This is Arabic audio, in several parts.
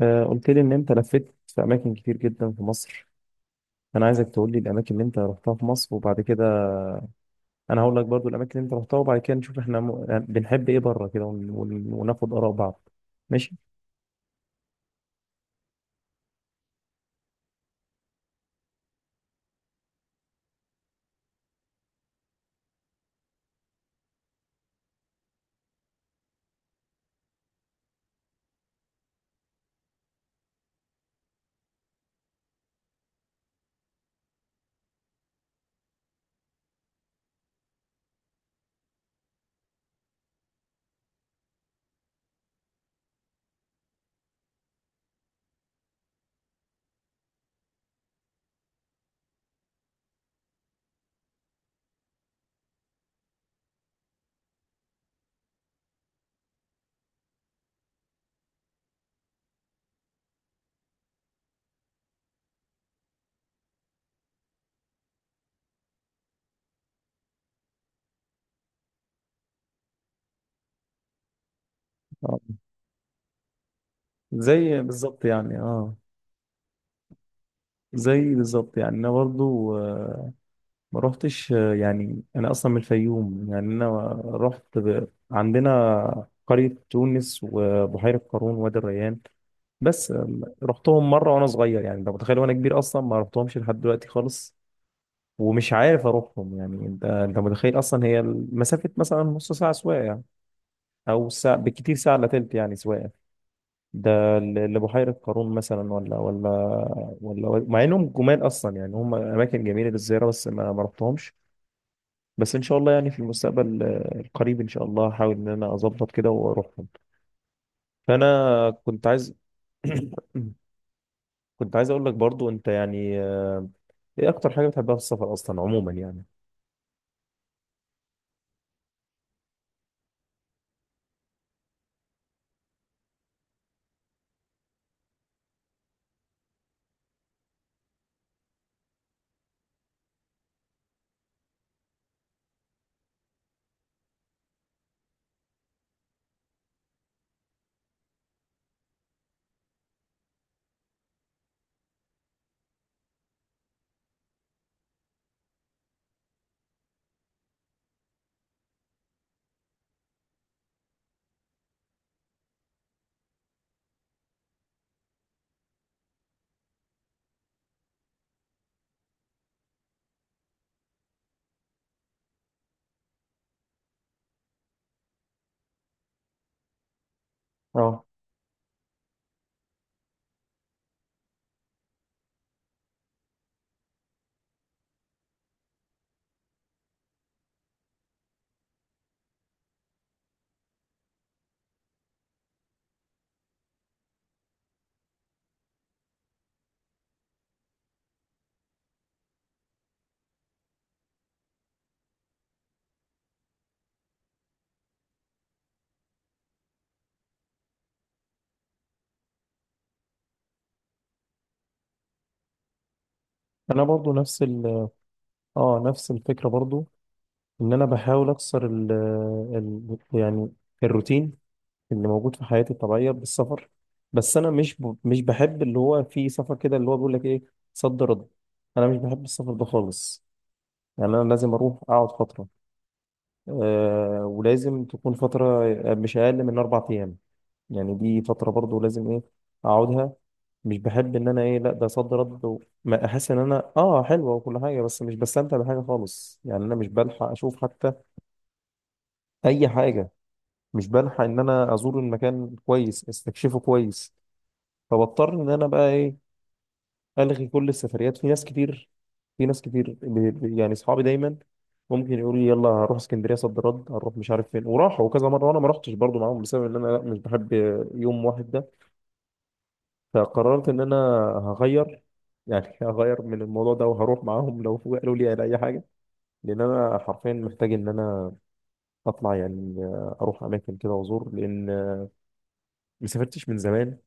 قلت لي ان انت لفيت في اماكن كتير جدا في مصر. انا عايزك تقول لي الاماكن اللي انت رحتها في مصر وبعد كده انا هقول لك برضو الاماكن اللي انت رحتها، وبعد كده نشوف احنا م... يعني بنحب ايه بره كده، وناخد اراء بعض. ماشي. آه. زي بالظبط يعني اه زي بالظبط يعني انا برضو ما روحتش آه، يعني انا اصلا من الفيوم، يعني انا رحت عندنا قرية تونس وبحيرة قارون وادي الريان. بس رحتهم مرة وانا صغير، يعني انت متخيل، وانا كبير اصلا ما رحتهمش لحد دلوقتي خالص، ومش عارف اروحهم. يعني انت متخيل اصلا هي مسافة مثلا نص ساعة سواقة يعني، او ساعة بالكتير، ساعة الا تلت يعني سواقة، لبحيرة قارون مثلا، ولا ولا، مع انهم جمال اصلا، يعني هم اماكن جميلة للزيارة، بس ما رحتهمش. بس ان شاء الله يعني في المستقبل القريب ان شاء الله هحاول ان انا اظبط كده واروحهم. فانا كنت عايز كنت عايز اقول لك برضو، انت يعني ايه اكتر حاجه بتحبها في السفر اصلا عموما يعني؟ اه انا برضو نفس اه نفس الفكره برضو، ان انا بحاول اكسر ال آه، ال يعني الروتين اللي موجود في حياتي الطبيعيه بالسفر. بس انا مش بحب اللي هو في سفر كده اللي هو بيقول لك ايه، صد رد. انا مش بحب السفر ده خالص، يعني انا لازم اروح اقعد فتره ولازم تكون فترة مش أقل من 4 أيام. يعني دي فترة برضو لازم إيه، أقعدها. مش بحب إن أنا إيه، لأ ده صد رد ما أحس إن أنا آه حلوة وكل حاجة، بس مش بستمتع بحاجة خالص، يعني أنا مش بلحق أشوف حتى أي حاجة، مش بلحق إن أنا أزور المكان كويس، أستكشفه كويس. فبضطر إن أنا بقى إيه، الغي كل السفريات. في ناس كتير، يعني اصحابي دايما ممكن يقولوا لي يلا هروح اسكندريه صد رد، هروح مش عارف فين، وراحوا كذا مره وانا ما رحتش برضو معاهم، بسبب ان انا لا، مش بحب يوم واحد ده. فقررت ان انا هغير، يعني هغير من الموضوع ده، وهروح معاهم لو قالوا لي على اي حاجه، لان انا حرفيا محتاج ان انا اطلع، يعني اروح اماكن كده وازور، لان ما سافرتش من زمان،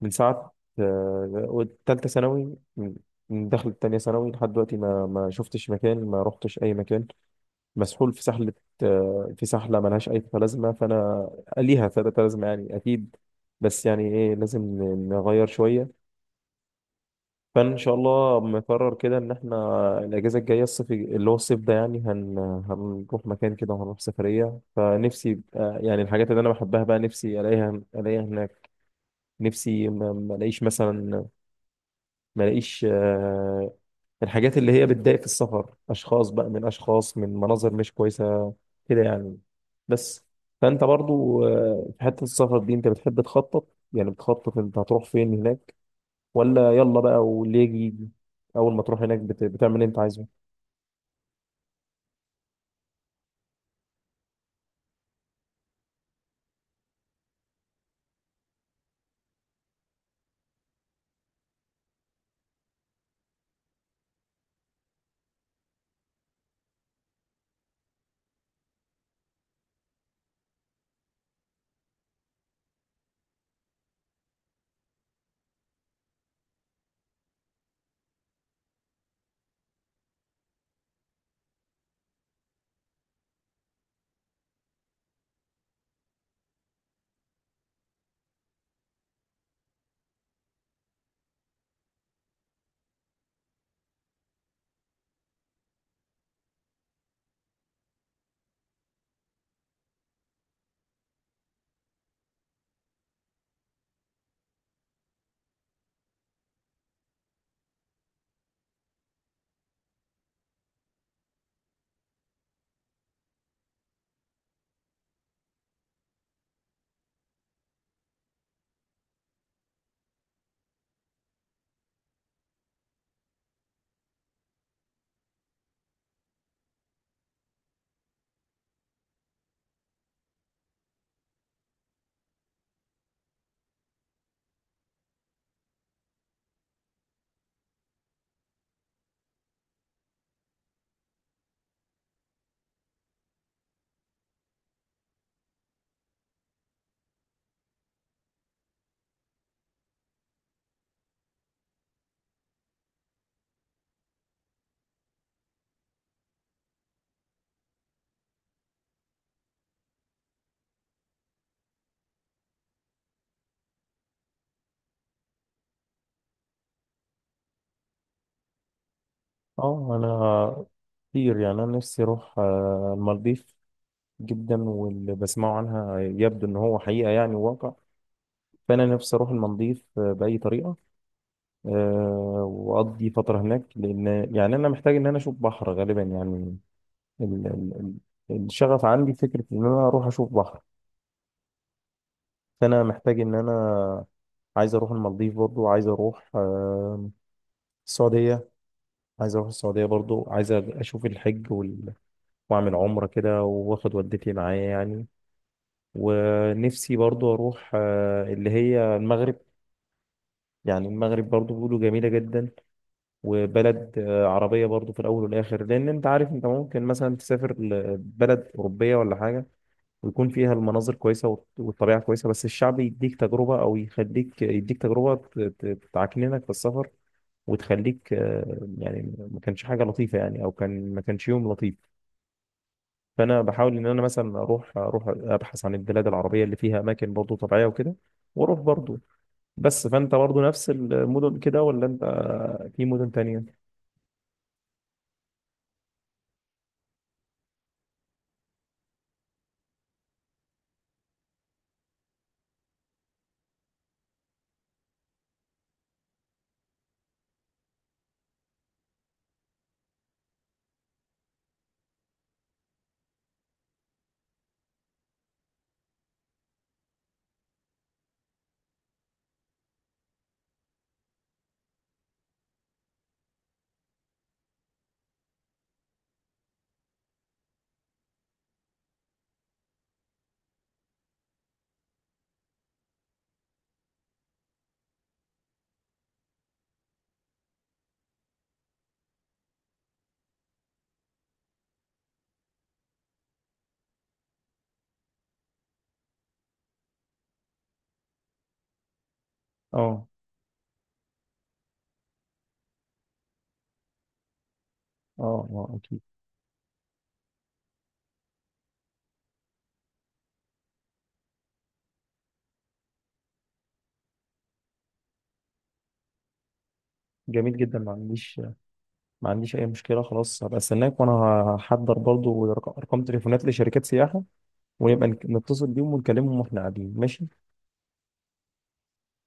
من ساعة تالتة ثانوي، من دخلة تانية ثانوي لحد دلوقتي ما شفتش مكان، ما رحتش أي مكان. مسحول في سحلة في سحلة ملهاش أي لازمة، فأنا ليها تلاتة لازمة يعني أكيد، بس يعني إيه لازم نغير شوية. فإن شاء الله مقرر كده إن إحنا الأجازة الجاية، الصيف اللي هو الصيف ده، يعني هنروح مكان كده وهنروح سفرية. فنفسي يعني الحاجات اللي أنا بحبها بقى، نفسي ألاقيها هناك. نفسي ما الاقيش مثلا، ما الاقيش آه، الحاجات اللي هي بتضايق في السفر، اشخاص بقى، من اشخاص، من مناظر مش كويسه كده يعني، بس. فانت برضو في حته السفر دي، انت بتحب تخطط؟ يعني بتخطط انت هتروح فين هناك، ولا يلا بقى واللي يجي يجي؟ اول ما تروح هناك بتعمل اللي انت عايزه؟ اه انا كتير يعني، انا نفسي اروح المالديف جدا، واللي بسمعه عنها يبدو ان هو حقيقة يعني، واقع. فانا نفسي اروح المالديف باي طريقة واقضي فتره هناك، لان يعني انا محتاج ان انا اشوف بحر غالبا يعني. ال... ال... الشغف عندي فكره ان انا اروح اشوف بحر. فانا محتاج ان انا عايز اروح المالديف، برضو عايز اروح السعوديه. عايز اروح السعوديه، برضو عايز اشوف الحج واعمل عمره كده، واخد والدتي معايا يعني. ونفسي برضو اروح اللي هي المغرب، يعني المغرب برضو بيقولوا جميله جدا. وبلد عربية برضو في الأول والآخر، لأن أنت عارف أنت ممكن مثلا تسافر لبلد أوروبية ولا حاجة، ويكون فيها المناظر كويسة والطبيعة كويسة، بس الشعب يديك تجربة، أو يخليك يديك تجربة تعكننك في السفر، وتخليك يعني ما كانش حاجة لطيفة، يعني أو ما كانش يوم لطيف. فأنا بحاول إن أنا مثلا أروح أبحث عن البلاد العربية اللي فيها أماكن برضو طبيعية وكده، وأروح برضو. بس فأنت برضو نفس المدن كده، ولا أنت في مدن تانية؟ اه اه اه، اكيد، جميل جدا، ما عنديش. ما عنديش اي مشكله، خلاص هبقى استناك، وانا هحضر برضو ارقام تليفونات لشركات سياحه، ونبقى نتصل بيهم ونكلمهم واحنا قاعدين. ماشي.